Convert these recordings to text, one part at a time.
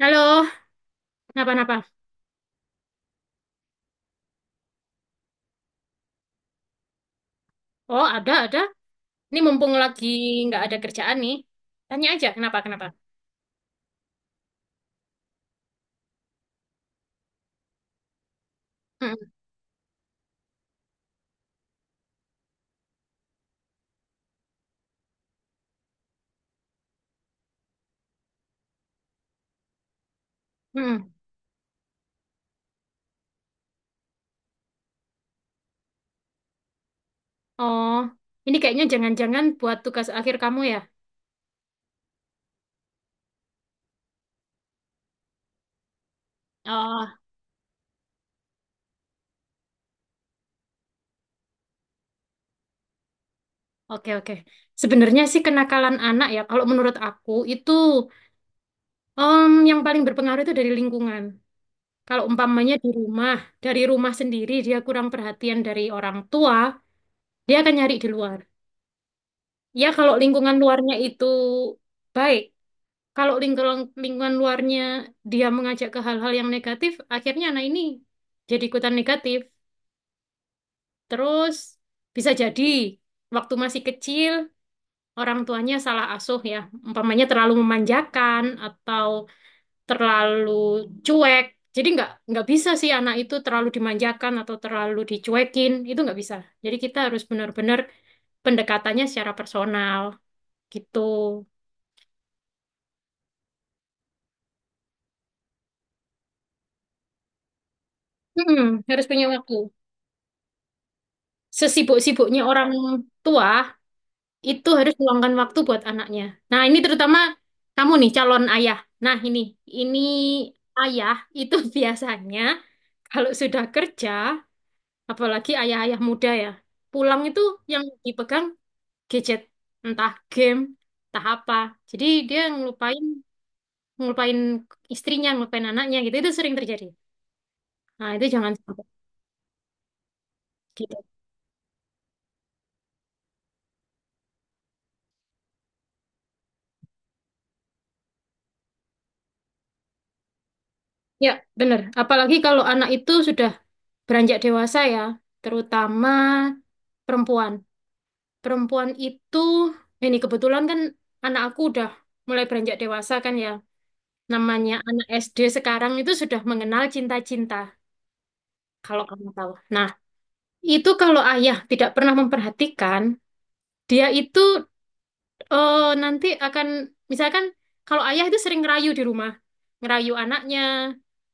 Halo, kenapa-napa? Oh, ada, ada. Ini mumpung lagi nggak ada kerjaan nih. Tanya aja, kenapa, kenapa? Mm-mm, mm-mm. Oh, ini kayaknya jangan-jangan buat tugas akhir kamu ya? Oh, oke, oke. Sebenarnya sih kenakalan anak ya, kalau menurut aku itu yang paling berpengaruh itu dari lingkungan. Kalau umpamanya di rumah, dari rumah sendiri dia kurang perhatian dari orang tua, dia akan nyari di luar. Ya, kalau lingkungan luarnya itu baik. Kalau lingkungan luarnya dia mengajak ke hal-hal yang negatif, akhirnya anak ini jadi ikutan negatif. Terus bisa jadi waktu masih kecil orang tuanya salah asuh ya, umpamanya terlalu memanjakan atau terlalu cuek. Jadi nggak bisa sih anak itu terlalu dimanjakan atau terlalu dicuekin, itu nggak bisa. Jadi kita harus benar-benar pendekatannya secara personal gitu. Mm-mm, harus punya waktu. Sesibuk-sibuknya orang tua itu harus meluangkan waktu buat anaknya. Nah, ini terutama kamu nih calon ayah. Nah, ini ayah itu biasanya kalau sudah kerja, apalagi ayah-ayah muda ya, pulang itu yang dipegang gadget, entah game, entah apa. Jadi dia ngelupain ngelupain istrinya, ngelupain anaknya gitu. Itu sering terjadi. Nah, itu jangan sampai gitu. Ya, bener. Apalagi kalau anak itu sudah beranjak dewasa ya, terutama perempuan. Perempuan itu, ini kebetulan kan anak aku udah mulai beranjak dewasa kan ya, namanya anak SD sekarang itu sudah mengenal cinta-cinta kalau kamu tahu. Nah, itu kalau ayah tidak pernah memperhatikan dia itu, nanti akan misalkan, kalau ayah itu sering ngerayu di rumah, ngerayu anaknya,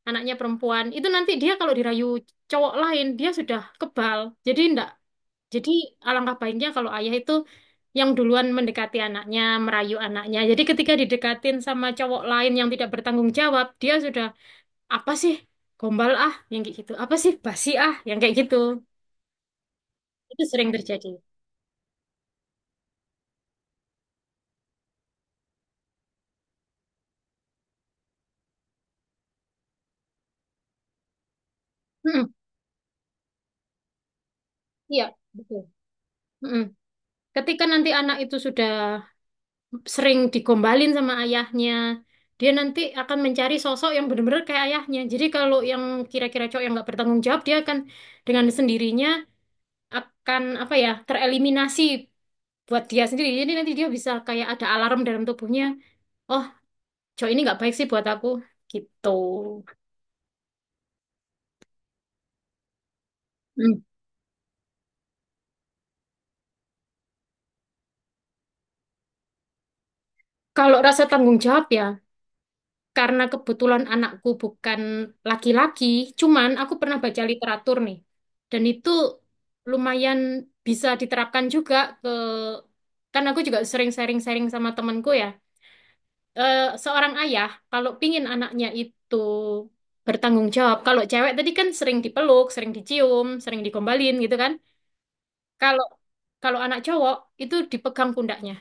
anaknya perempuan itu nanti dia kalau dirayu cowok lain dia sudah kebal, jadi ndak. Jadi alangkah baiknya kalau ayah itu yang duluan mendekati anaknya, merayu anaknya. Jadi ketika didekatin sama cowok lain yang tidak bertanggung jawab, dia sudah apa sih, gombal ah yang kayak gitu, apa sih basi ah yang kayak gitu. Itu sering terjadi. Mm-mm. Iya, betul. Mm-mm. Ketika nanti anak itu sudah sering digombalin sama ayahnya, dia nanti akan mencari sosok yang benar-benar kayak ayahnya. Jadi kalau yang kira-kira cowok yang nggak bertanggung jawab, dia akan dengan sendirinya akan apa ya, tereliminasi buat dia sendiri. Jadi nanti dia bisa kayak ada alarm dalam tubuhnya. Oh, cowok ini nggak baik sih buat aku. Gitu. Hmm. Kalau rasa tanggung jawab ya, karena kebetulan anakku bukan laki-laki, cuman aku pernah baca literatur nih. Dan itu lumayan bisa diterapkan juga ke, kan aku juga sering sharing-sharing sama temanku ya. Seorang ayah kalau pingin anaknya itu bertanggung jawab, kalau cewek tadi kan sering dipeluk, sering dicium, sering digombalin gitu kan. Kalau kalau anak cowok itu dipegang pundaknya,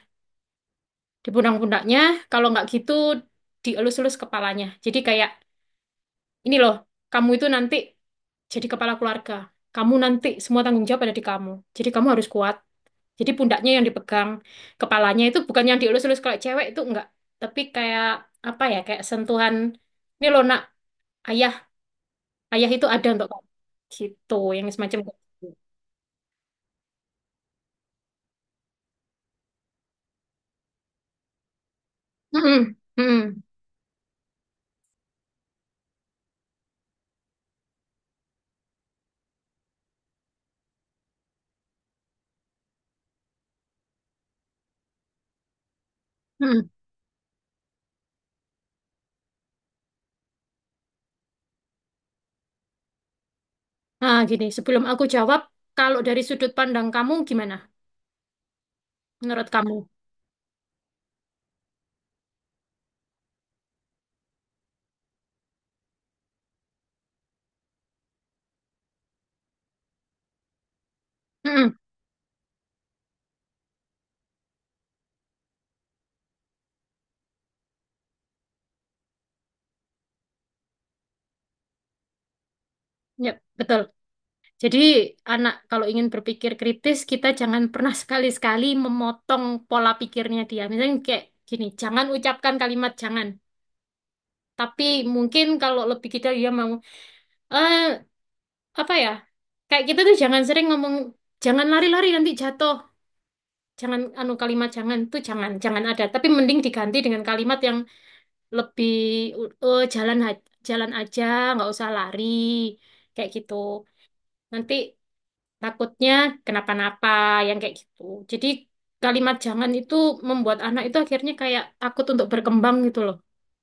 dipundang pundaknya, kalau nggak gitu dielus-elus kepalanya. Jadi kayak ini loh, kamu itu nanti jadi kepala keluarga. Kamu nanti semua tanggung jawab ada di kamu. Jadi kamu harus kuat. Jadi pundaknya yang dipegang, kepalanya itu bukan yang dielus-elus kalau cewek itu enggak. Tapi kayak apa ya, kayak sentuhan. Ini loh nak, ayah, ayah itu ada untuk kamu. Gitu, yang semacam gitu. Mm-mm, mm-mm, mm-mm. Nah, gini, sebelum aku jawab, kalau dari sudut pandang kamu gimana? Menurut kamu? Mm-mm, yep, betul. Jadi anak kalau ingin berpikir kritis kita jangan pernah sekali-sekali memotong pola pikirnya dia. Misalnya kayak gini, jangan ucapkan kalimat jangan. Tapi mungkin kalau lebih kita dia mau eh apa ya? Kayak kita tuh jangan sering ngomong jangan lari-lari nanti jatuh. Jangan anu kalimat jangan tuh jangan jangan ada. Tapi mending diganti dengan kalimat yang lebih "Eh, jalan aja, nggak usah lari. Kayak gitu. Nanti takutnya kenapa-napa yang kayak gitu. Jadi kalimat jangan itu membuat anak itu akhirnya kayak takut untuk berkembang gitu loh.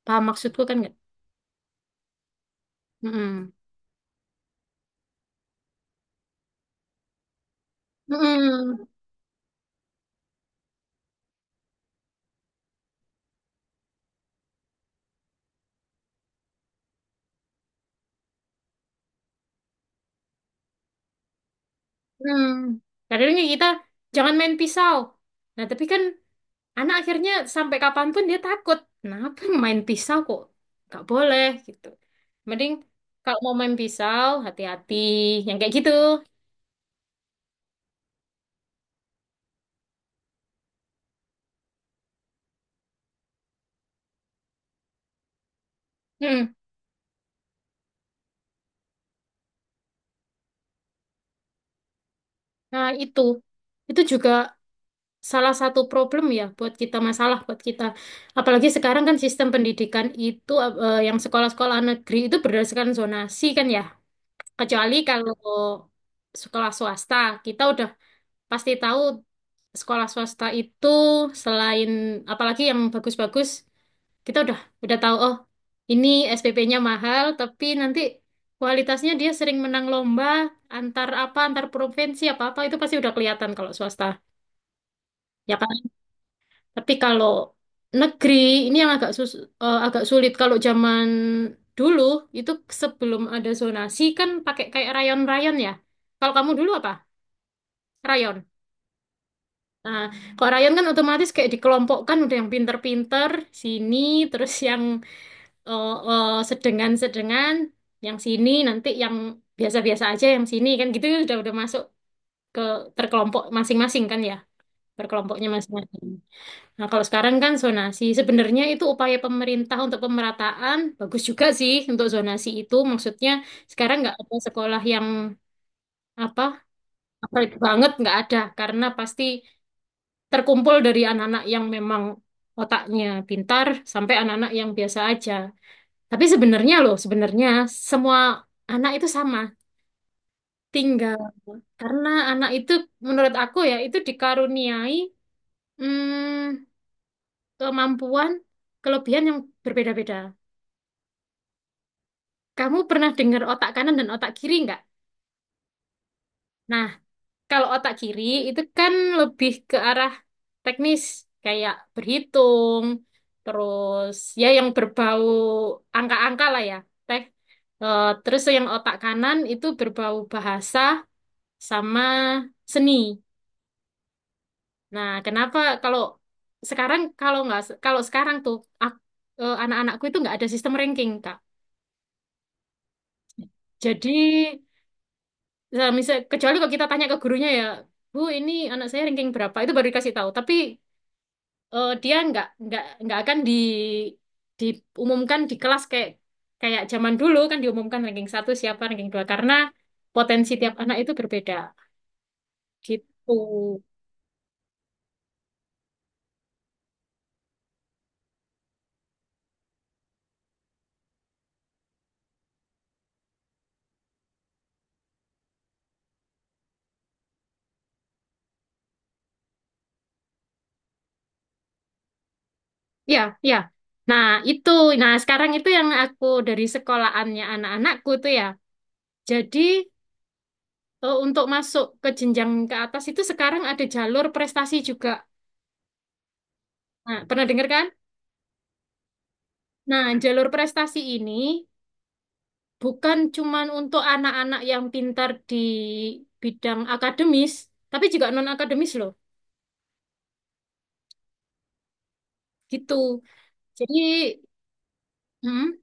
Paham maksudku kan nggak? Mm-mm. Mm-mm. Mm. Kadangnya kita jangan main pisau. Nah, tapi kan anak akhirnya sampai kapanpun dia takut. Kenapa main pisau kok? Nggak boleh gitu. Mending kalau mau main pisau hati-hati yang kayak gitu. Mm. Nah, itu. Itu juga salah satu problem ya buat kita, masalah buat kita apalagi sekarang kan sistem pendidikan itu yang sekolah-sekolah negeri itu berdasarkan zonasi kan ya, kecuali kalau sekolah swasta. Kita udah pasti tahu sekolah swasta itu selain, apalagi yang bagus-bagus kita udah tahu oh ini SPP-nya mahal tapi nanti kualitasnya dia sering menang lomba antar apa antar provinsi apa apa itu pasti udah kelihatan kalau swasta, ya kan? Tapi kalau negeri ini yang agak sus agak sulit. Kalau zaman dulu itu sebelum ada zonasi kan pakai kayak rayon-rayon ya. Kalau kamu dulu apa? Rayon. Nah, kalau rayon kan otomatis kayak dikelompokkan udah yang pinter-pinter sini, terus yang sedengan-sedengan, yang sini nanti yang biasa-biasa aja yang sini kan gitu udah masuk ke terkelompok masing-masing kan ya, berkelompoknya masing-masing. Nah, kalau sekarang kan zonasi, sebenarnya itu upaya pemerintah untuk pemerataan, bagus juga sih untuk zonasi itu. Maksudnya sekarang nggak ada sekolah yang apa favorit banget, nggak ada karena pasti terkumpul dari anak-anak yang memang otaknya pintar sampai anak-anak yang biasa aja. Tapi sebenarnya loh, sebenarnya semua anak itu sama, tinggal karena anak itu menurut aku ya itu dikaruniai hmm, kemampuan, kelebihan yang berbeda-beda. Kamu pernah dengar otak kanan dan otak kiri nggak? Nah, kalau otak kiri itu kan lebih ke arah teknis, kayak berhitung, terus ya yang berbau angka-angka lah ya. Teh. Terus yang otak kanan itu berbau bahasa sama seni. Nah, kenapa kalau sekarang kalau nggak kalau sekarang tuh ak- anak-anakku itu nggak ada sistem ranking, Kak. Jadi nah, misal kecuali kalau kita tanya ke gurunya ya, Bu, ini anak saya ranking berapa? Itu baru dikasih tahu. Tapi dia nggak akan di diumumkan di kelas kayak kayak zaman dulu kan diumumkan ranking 1 siapa ranking 2 karena potensi tiap anak itu berbeda gitu. Ya, ya. Nah, itu. Nah, sekarang itu yang aku dari sekolahannya anak-anakku tuh ya. Jadi untuk masuk ke jenjang ke atas itu sekarang ada jalur prestasi juga. Nah, pernah dengar kan? Nah, jalur prestasi ini bukan cuman untuk anak-anak yang pintar di bidang akademis, tapi juga non-akademis loh. Gitu. Jadi, mm,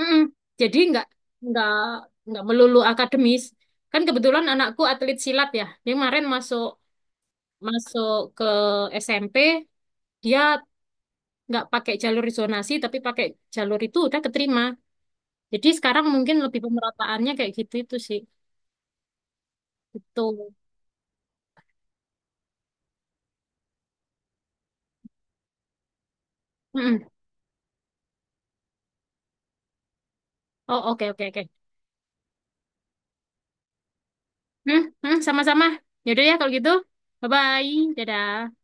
mm, jadi nggak nggak melulu akademis. Kan kebetulan anakku atlet silat ya. Dia kemarin masuk masuk ke SMP, dia nggak pakai jalur zonasi, tapi pakai jalur itu udah keterima. Jadi sekarang mungkin lebih pemerataannya kayak gitu itu sih. Gitu. Mm-mm. Oh, oke, oke, oke. Hmm, hmm, sama-sama. Yaudah ya kalau gitu. Bye-bye. Dadah.